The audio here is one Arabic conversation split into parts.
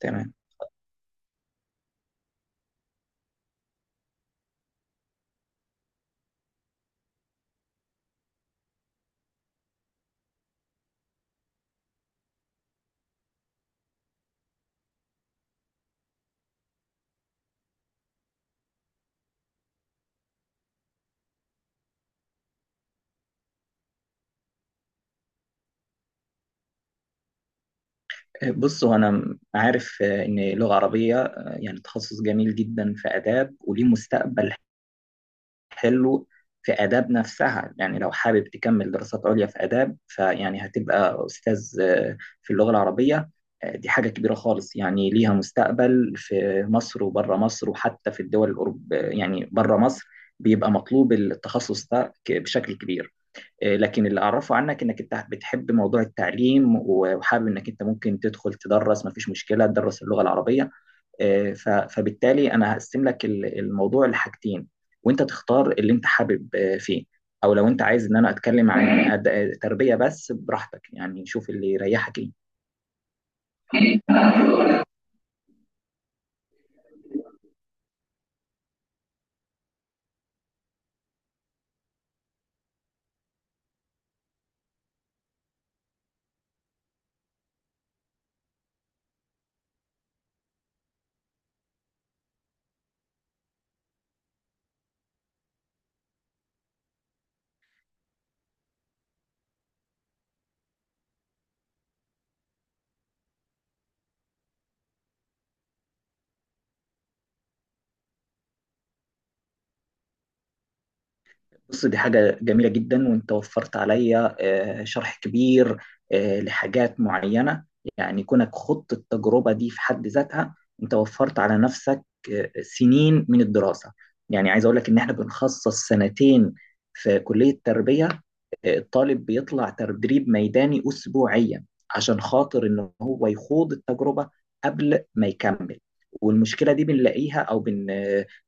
تمام. بص هو انا عارف ان لغه عربيه يعني تخصص جميل جدا في اداب وليه مستقبل حلو. في اداب نفسها يعني لو حابب تكمل دراسات عليا في اداب فيعني هتبقى استاذ في اللغه العربيه. دي حاجه كبيره خالص يعني ليها مستقبل في مصر وبره مصر وحتى في الدول الأوروب، يعني بره مصر بيبقى مطلوب التخصص ده بشكل كبير. لكن اللي اعرفه عنك انك انت بتحب موضوع التعليم وحابب انك انت ممكن تدخل تدرس، مفيش مشكله تدرس اللغه العربيه. فبالتالي انا هقسم لك الموضوع لحاجتين وانت تختار اللي انت حابب فيه. او لو انت عايز ان انا اتكلم عن تربيه، بس براحتك يعني شوف اللي يريحك ايه. بص دي حاجة جميلة جدا وانت وفرت عليا شرح كبير لحاجات معينة. يعني كونك خضت التجربة دي في حد ذاتها انت وفرت على نفسك سنين من الدراسة. يعني عايز اقول لك ان احنا بنخصص سنتين في كلية التربية. الطالب بيطلع تدريب ميداني أسبوعيا عشان خاطر إن هو يخوض التجربة قبل ما يكمل. والمشكلة دي بنلاقيها أو بن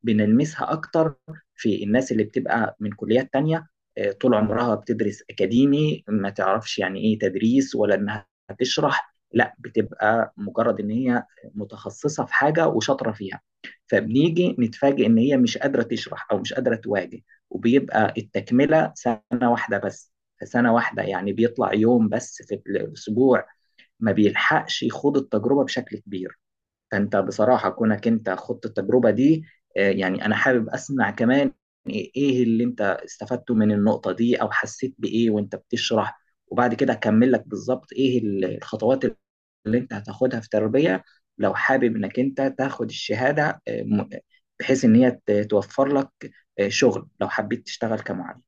بنلمسها أكتر في الناس اللي بتبقى من كليات تانية، طول عمرها بتدرس أكاديمي، ما تعرفش يعني إيه تدريس ولا إنها تشرح، لا بتبقى مجرد إن هي متخصصة في حاجة وشاطرة فيها. فبنيجي نتفاجئ إن هي مش قادرة تشرح أو مش قادرة تواجه. وبيبقى التكملة سنة واحدة بس، في سنة واحدة يعني بيطلع يوم بس في الأسبوع، ما بيلحقش يخوض التجربة بشكل كبير. فأنت بصراحة كونك أنت خضت التجربة دي، يعني أنا حابب أسمع كمان إيه اللي أنت استفدته من النقطة دي أو حسيت بإيه وأنت بتشرح، وبعد كده أكمل لك بالظبط إيه الخطوات اللي أنت هتاخدها في تربية لو حابب إنك أنت تاخد الشهادة، بحيث إن هي توفر لك شغل لو حبيت تشتغل كمعلم.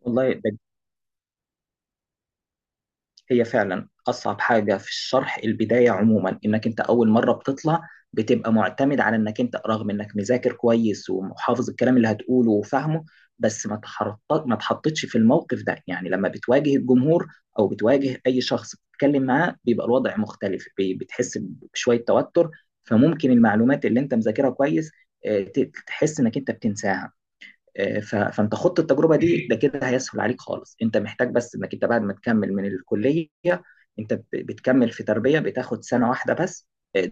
والله ده هي فعلا أصعب حاجة في الشرح، البداية عموما إنك أنت أول مرة بتطلع بتبقى معتمد على إنك أنت رغم إنك مذاكر كويس وحافظ الكلام اللي هتقوله وفاهمه، بس ما تحطتش في الموقف ده. يعني لما بتواجه الجمهور أو بتواجه أي شخص بتتكلم معاه بيبقى الوضع مختلف، بتحس بشوية توتر. فممكن المعلومات اللي أنت مذاكرها كويس تحس إنك أنت بتنساها. فانت خدت التجربه دي ده كده هيسهل عليك خالص. انت محتاج بس انك انت بعد ما تكمل من الكليه انت بتكمل في تربيه بتاخد سنه واحده بس. آه،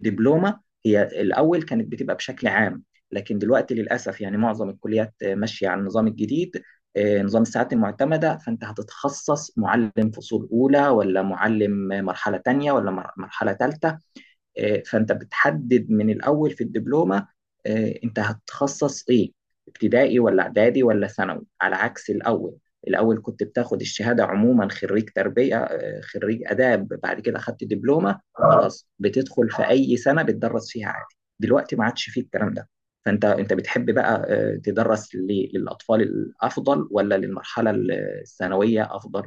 دبلومه، هي الاول كانت بتبقى بشكل عام، لكن دلوقتي للاسف يعني معظم الكليات ماشيه على النظام الجديد، نظام الساعات المعتمده. فانت هتتخصص معلم فصول اولى ولا معلم مرحله تانيه ولا مرحله ثالثه. فانت بتحدد من الاول في الدبلومه انت هتتخصص ايه، ابتدائي ولا اعدادي ولا ثانوي، على عكس الاول. الاول كنت بتاخد الشهاده عموما خريج تربيه خريج اداب، بعد كده خدت دبلومه خلاص بتدخل في اي سنه بتدرس فيها عادي. دلوقتي ما عادش فيه الكلام ده. فانت بتحب بقى تدرس للاطفال الافضل ولا للمرحله الثانويه افضل؟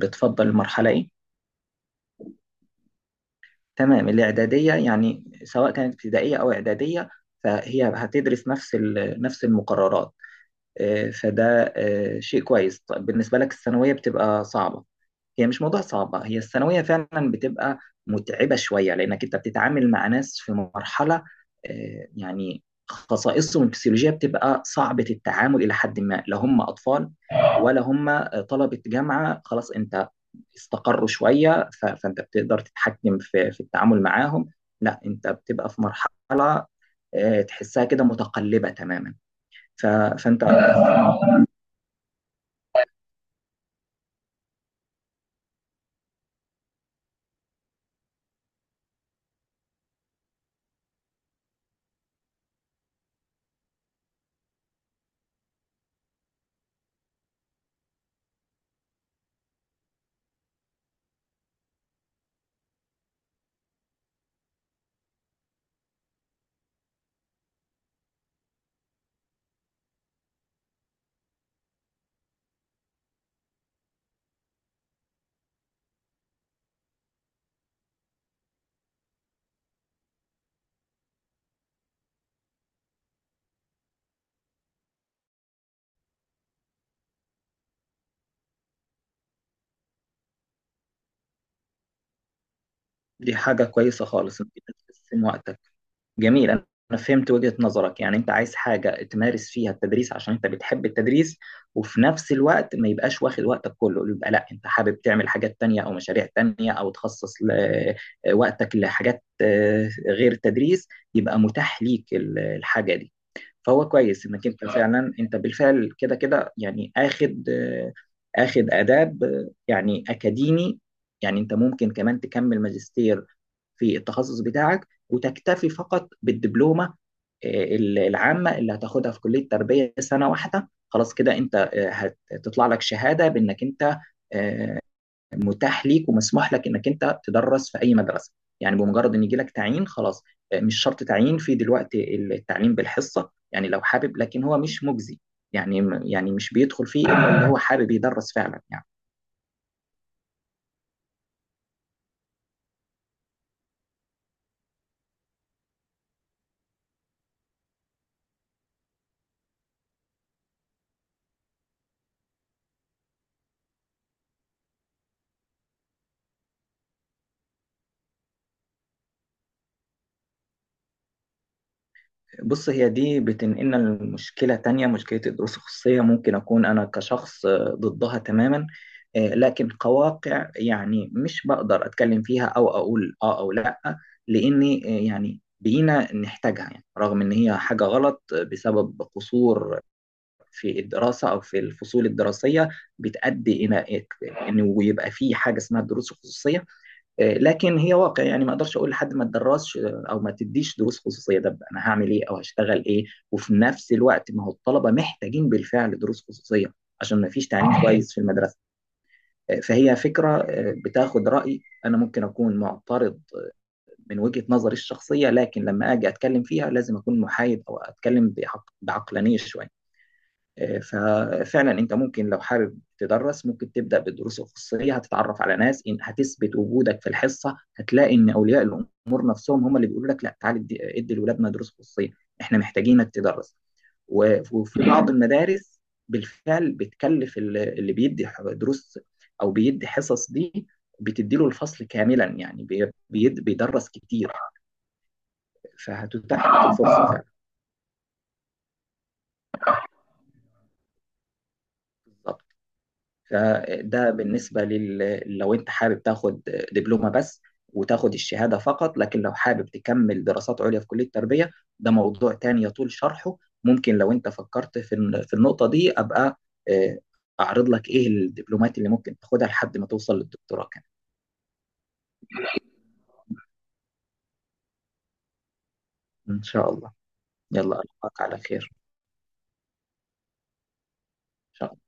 بتفضل المرحله ايه؟ تمام، الإعدادية يعني سواء كانت ابتدائية أو إعدادية فهي هتدرس نفس نفس المقررات. فده شيء كويس. طيب بالنسبة لك الثانوية بتبقى صعبة، هي مش موضوع صعبة، هي الثانوية فعلا بتبقى متعبة شوية لأنك أنت بتتعامل مع ناس في مرحلة يعني خصائصهم الفسيولوجية بتبقى صعبة التعامل إلى حد ما. لا هم أطفال ولا هم طلبة جامعة خلاص أنت استقروا شوية فأنت بتقدر تتحكم في التعامل معاهم، لا أنت بتبقى في مرحلة تحسها كده متقلبة تماما. فأنت دي حاجة كويسة خالص أنت تحسن وقتك. جميل، أنا فهمت وجهة نظرك، يعني أنت عايز حاجة تمارس فيها التدريس عشان أنت بتحب التدريس، وفي نفس الوقت ما يبقاش واخد وقتك كله، يبقى لا أنت حابب تعمل حاجات تانية أو مشاريع تانية أو تخصص وقتك لحاجات غير التدريس، يبقى متاح ليك الحاجة دي. فهو كويس انك انت فعلا، انت بالفعل كده كده يعني اخد اخد اداب يعني اكاديمي. يعني انت ممكن كمان تكمل ماجستير في التخصص بتاعك وتكتفي فقط بالدبلومه العامه اللي هتاخدها في كليه تربيه سنه واحده. خلاص كده انت هتطلع لك شهاده بانك انت آه، متاح ليك ومسموح لك انك انت تدرس في اي مدرسه، يعني بمجرد ان يجي لك تعيين خلاص. مش شرط تعيين، في دلوقتي التعليم بالحصه يعني لو حابب، لكن هو مش مجزي يعني، مش بيدخل فيه الا اللي هو حابب يدرس فعلا يعني. بص هي دي بتنقلنا لمشكلة تانية، مشكلة الدروس الخصوصية. ممكن أكون أنا كشخص ضدها تماما، لكن كواقع يعني مش بقدر أتكلم فيها أو أقول آه أو لأ، لأني يعني بقينا نحتاجها، يعني رغم إن هي حاجة غلط بسبب قصور في الدراسة أو في الفصول الدراسية بتؤدي إلى إنه يبقى في حاجة اسمها الدروس الخصوصية. لكن هي واقع، يعني ما اقدرش اقول لحد ما تدرسش او ما تديش دروس خصوصيه، ده انا هعمل ايه او هشتغل ايه؟ وفي نفس الوقت ما هو الطلبه محتاجين بالفعل دروس خصوصيه عشان ما فيش تعليم كويس في المدرسه. فهي فكره بتاخد راي، انا ممكن اكون معترض من وجهه نظري الشخصيه، لكن لما اجي اتكلم فيها لازم اكون محايد او اتكلم بعقلانيه شويه. آه، ففعلا انت ممكن لو حابب تدرس ممكن تبدا بالدروس الخصوصيه، هتتعرف على ناس، إن هتثبت وجودك في الحصه هتلاقي ان اولياء الامور نفسهم هم اللي بيقولوا لك لا تعالى ادي لولادنا دروس خصوصيه احنا محتاجينك تدرس. وفي بعض المدارس بالفعل بتكلف اللي دروس او بيدي حصص دي، بتديله الفصل كاملا، يعني بيدرس كتير. فهتتاح لك الفرصه فعلا. فده بالنسبة لل، لو أنت حابب تاخد دبلومة بس وتاخد الشهادة فقط. لكن لو حابب تكمل دراسات عليا في كلية التربية ده موضوع تاني يطول شرحه. ممكن لو أنت فكرت في في النقطة دي أبقى آه، أعرض لك إيه الدبلومات اللي ممكن تاخدها لحد ما توصل للدكتوراه كمان. إن شاء الله، يلا ألقاك على خير. إن شاء